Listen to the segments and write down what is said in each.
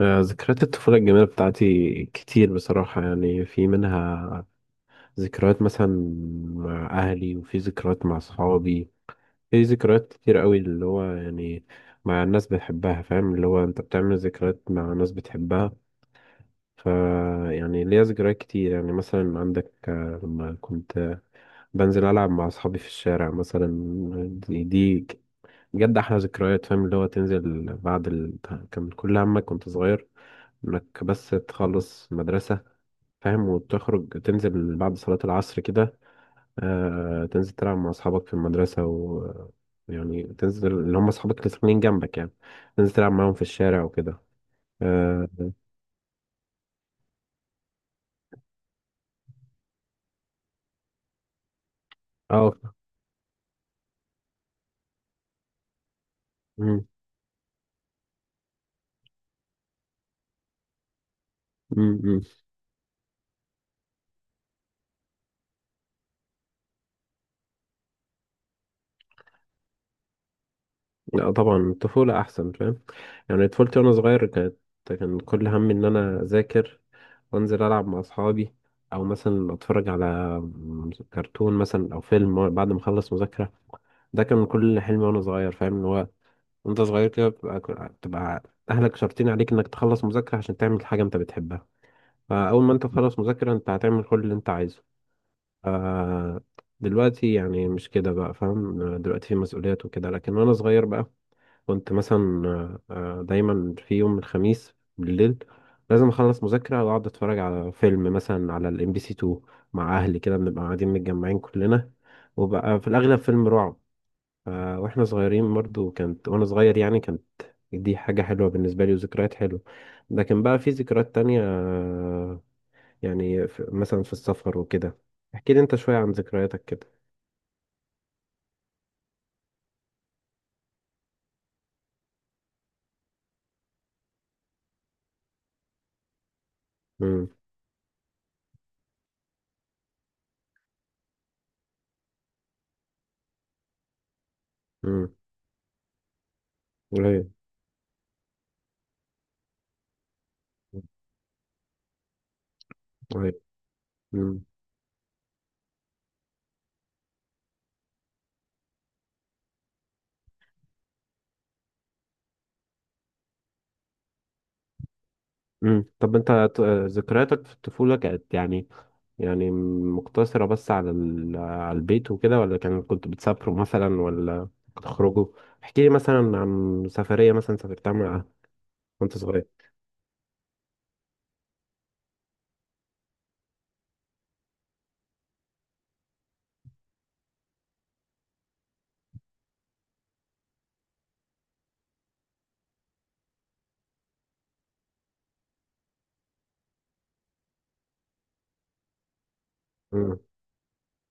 آه، ذكريات الطفولة الجميلة بتاعتي كتير بصراحة، يعني في منها ذكريات مثلا مع أهلي، وفي ذكريات مع صحابي. في ذكريات كتير قوي اللي هو يعني مع الناس بتحبها، فاهم؟ اللي هو أنت بتعمل ذكريات مع ناس بتحبها. ف يعني ليا ذكريات كتير، يعني مثلا عندك، لما كنت بنزل ألعب مع أصحابي في الشارع مثلا. دي جد أحلى ذكريات، فاهم؟ اللي هو تنزل بعد ال... كان كل همك كنت صغير، انك بس تخلص مدرسة، فاهم؟ وتخرج تنزل بعد صلاة العصر كده. آه، تنزل تلعب مع أصحابك في المدرسة يعني تنزل اللي هم أصحابك اللي ساكنين جنبك، يعني تنزل تلعب معاهم في الشارع وكده. اه. آه، مم، مم، مم. لا طبعا الطفولة أحسن، فاهم. يعني طفولتي وأنا صغير كانت، كان كل همي إن أنا أذاكر وأنزل ألعب مع أصحابي، أو مثلا أتفرج على كرتون مثلا أو فيلم بعد ما أخلص مذاكرة. ده كان كل حلمي وانا صغير، فاهم؟ اللي هو وانت صغير كده بتبقى اهلك شرطين عليك انك تخلص مذاكرة عشان تعمل حاجة انت بتحبها. فاول ما انت تخلص مذاكرة، انت هتعمل كل اللي انت عايزه. آه. دلوقتي يعني مش كده بقى، فاهم. دلوقتي في مسؤوليات وكده، لكن وانا صغير بقى كنت مثلا، دايما في يوم الخميس بالليل لازم اخلص مذاكرة واقعد اتفرج على فيلم مثلا على الام بي سي 2 مع اهلي، كده بنبقى قاعدين متجمعين كلنا، وبقى في الاغلب فيلم رعب. ف- واحنا صغيرين برضو كانت، وانا صغير يعني كانت دي حاجة حلوة بالنسبة لي وذكريات حلوة. لكن بقى في ذكريات تانية، يعني في مثلا في السفر وكده. احكي لي انت شوية عن ذكرياتك كده. امم. امم. قريب. قريب. امم. امم. طب انت، ت- ذكرياتك في الطفولة كانت يعني، يعني مقتصرة بس على ال... على البيت وكده، ولا كان كنت بتسافروا مثلا ولا بتخرجوا؟ احكي لي مثلا عن سفرية مثلا سافرتها مع، وانت صغير.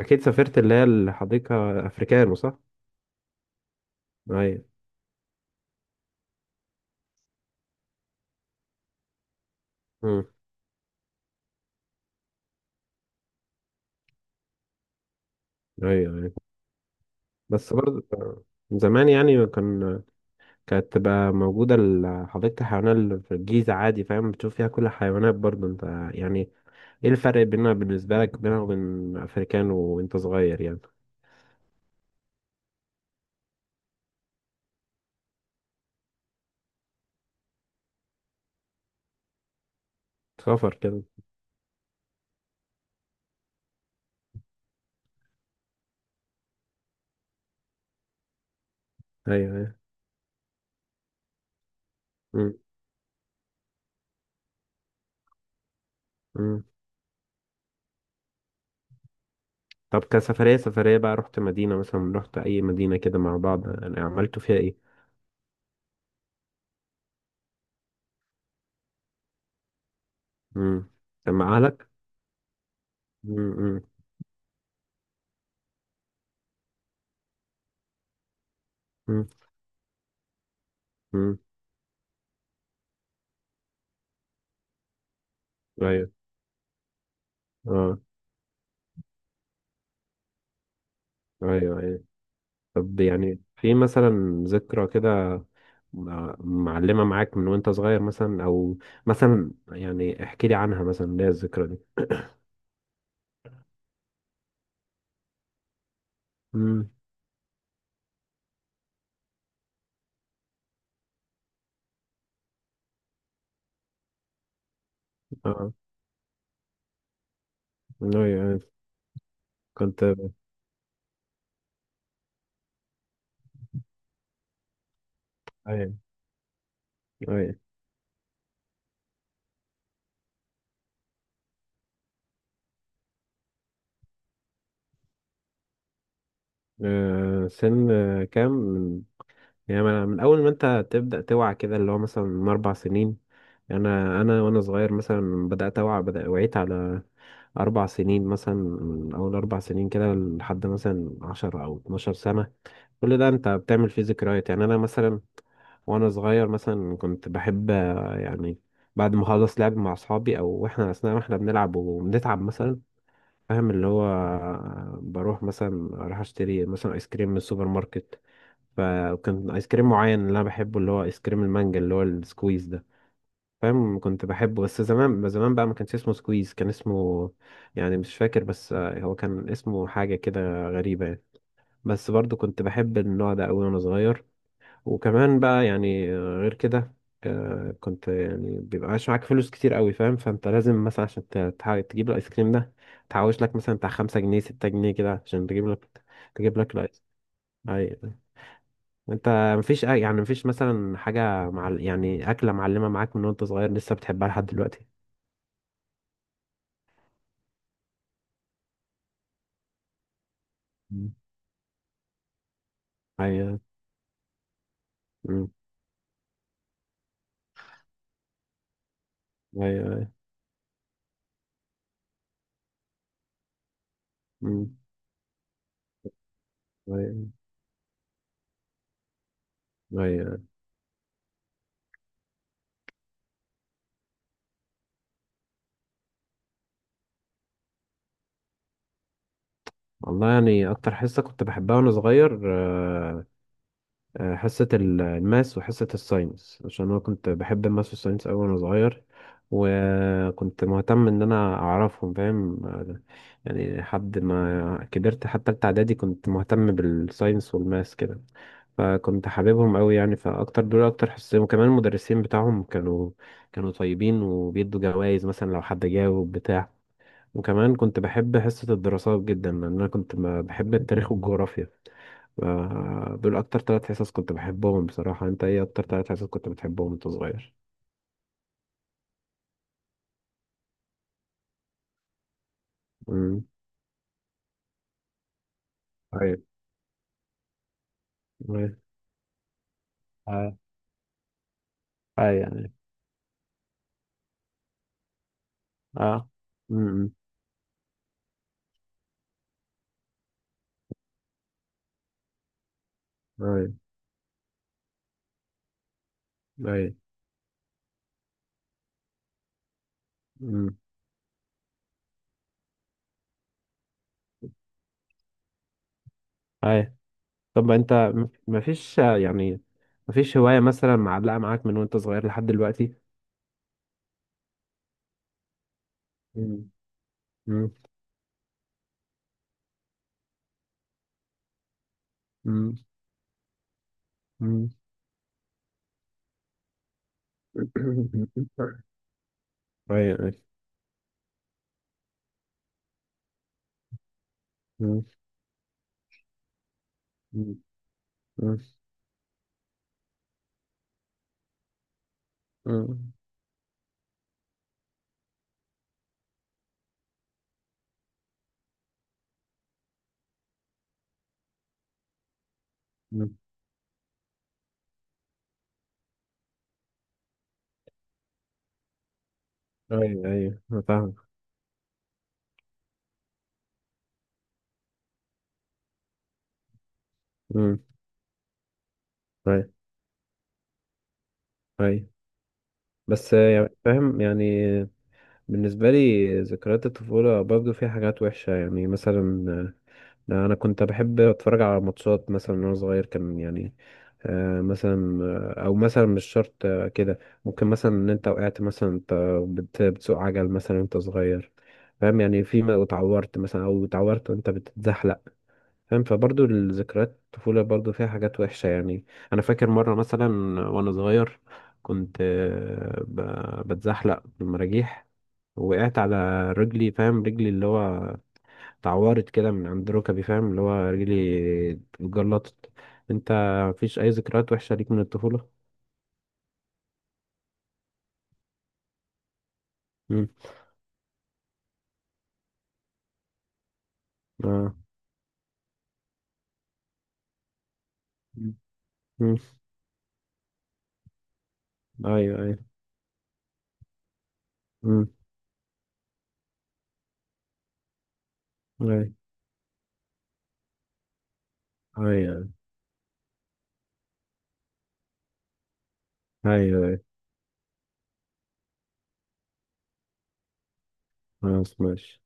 اكيد سافرت اللي هي الحديقه، افريكانو، صح؟ ايوه. امم. ايوه، ايوه. بس برضه من زمان يعني كان، كانت تبقى موجوده حديقه الحيوانات اللي في الجيزه عادي، فاهم؟ بتشوف فيها كل الحيوانات برضه انت، يعني ايه الفرق بينها بالنسبه لك، بينها وبين افريكانو وانت صغير يعني؟ سفر كده. ايوه، ايوه. امم. امم. طب كسفريه، سفريه بقى رحت مدينه مثلا، رحت اي مدينه كده مع بعض، يعني عملتوا فيها ايه؟ امم. كان مع اهلك؟ امم. امم. امم. ايوه. اه. ايوه، ايوه. طب يعني في مثلا ذكرى كده معلمة معاك من وانت صغير مثلا، او مثلا يعني احكي لي عنها مثلا اللي هي الذكرى دي. امم. اه. ايوه، أيوة. كنت. ايوه، ايوه. آه، سن، كام، من يعني، من اول ما انت تبدأ توعى كده، اللي هو مثلا من اربع سنين. انا وانا صغير مثلا بدأت اوعى، بدأ وعيت على اربع سنين مثلا. من اول اربع سنين كده لحد مثلا عشر او اتناشر سنة، كل ده انت بتعمل فيه ذكريات. يعني انا مثلا وانا صغير مثلا كنت بحب، يعني بعد ما اخلص لعب مع اصحابي، او احنا اثناء ما احنا بنلعب وبنتعب مثلا، فاهم؟ اللي هو بروح مثلا، اروح اشتري مثلا ايس كريم من السوبر ماركت. فكان ايس كريم معين اللي انا بحبه، اللي هو ايس كريم المانجا، اللي هو السكويز ده، فاهم؟ كنت بحبه بس زمان زمان بقى ما كانش اسمه سكويز، كان اسمه، يعني مش فاكر، بس هو كان اسمه حاجة كده غريبة يعني. بس برضو كنت بحب النوع ده قوي وانا صغير. وكمان بقى يعني، غير كده، كنت يعني بيبقاش معاك فلوس كتير قوي، فاهم؟ فانت لازم مثلا عشان تجيب الايس كريم ده، تحوش لك مثلا بتاع خمسة جنيه، ستة جنيه كده، عشان تجيب لك تجيب لك الايس. اي. انت مفيش يعني مفيش مثلا حاجة، مع، يعني أكلة معلمة معاك من وانت صغير لسه بتحبها لحد دلوقتي؟ مم. ايوه. أمم. ايوه، أيوة. أمم. ايوه، أيوة. والله يعني اكتر حصه كنت بحبها وانا صغير، حصة الماس وحصة الساينس، عشان أنا كنت بحب الماس والساينس أوي وأنا صغير، وكنت مهتم إن أنا أعرفهم، فاهم. يعني لحد ما كبرت حتى تالتة إعدادي كنت مهتم بالساينس والماس كده. فكنت حاببهم أوي يعني. فأكتر دول أكتر حصتين، وكمان المدرسين بتاعهم كانوا طيبين وبيدوا جوائز مثلا لو حد جاوب بتاع. وكمان كنت بحب حصة الدراسات جدا، لأن أنا كنت بحب التاريخ والجغرافيا. ف- دول أكتر ثلاث حصص كنت بحبهم بصراحة. أنت إيه أكتر ثلاث حصص كنت بتحبهم وأنت صغير؟ أمم. أيوة. أيوة. آه. أي يعني. آه. أمم. أيوة. أيوة. أمم. أيوة. طب أنت مفيش، يعني مفيش هواية مثلا معلقة معاك من وأنت صغير لحد دلوقتي؟ أمم. أمم. أمم. أمم. أيوة، أيوة. أمم. أمم. أمم. ايوه، ايوه، انا فاهم. امم. ايوه، ايوه. بس يعني فاهم، يعني بالنسبه لي ذكريات الطفوله برضو فيها حاجات وحشه، يعني مثلا، انا كنت بحب اتفرج على ماتشات مثلا وانا صغير، كان يعني، مثلا، او مثلا مش شرط، كده ممكن مثلا ان انت وقعت مثلا، انت بتسوق عجل مثلا انت صغير، فاهم؟ يعني في ما اتعورت مثلا، او اتعورت وانت بتتزحلق، فاهم؟ فبرضه الذكريات الطفولة برضه فيها حاجات وحشة يعني. أنا فاكر مرة مثلا وأنا صغير كنت، بتزحلق بالمراجيح، وقعت على رجلي، فاهم؟ رجلي اللي هو اتعورت كده من عند ركبي، فاهم؟ اللي هو رجلي اتجلطت. انت مفيش أي ذكريات وحشة ليك من الطفولة؟ مم. اه. مم. مم. أيوه، أيوه. مم. أيوه، أيوه. أيوه، أيوه. خلاص، ماشي.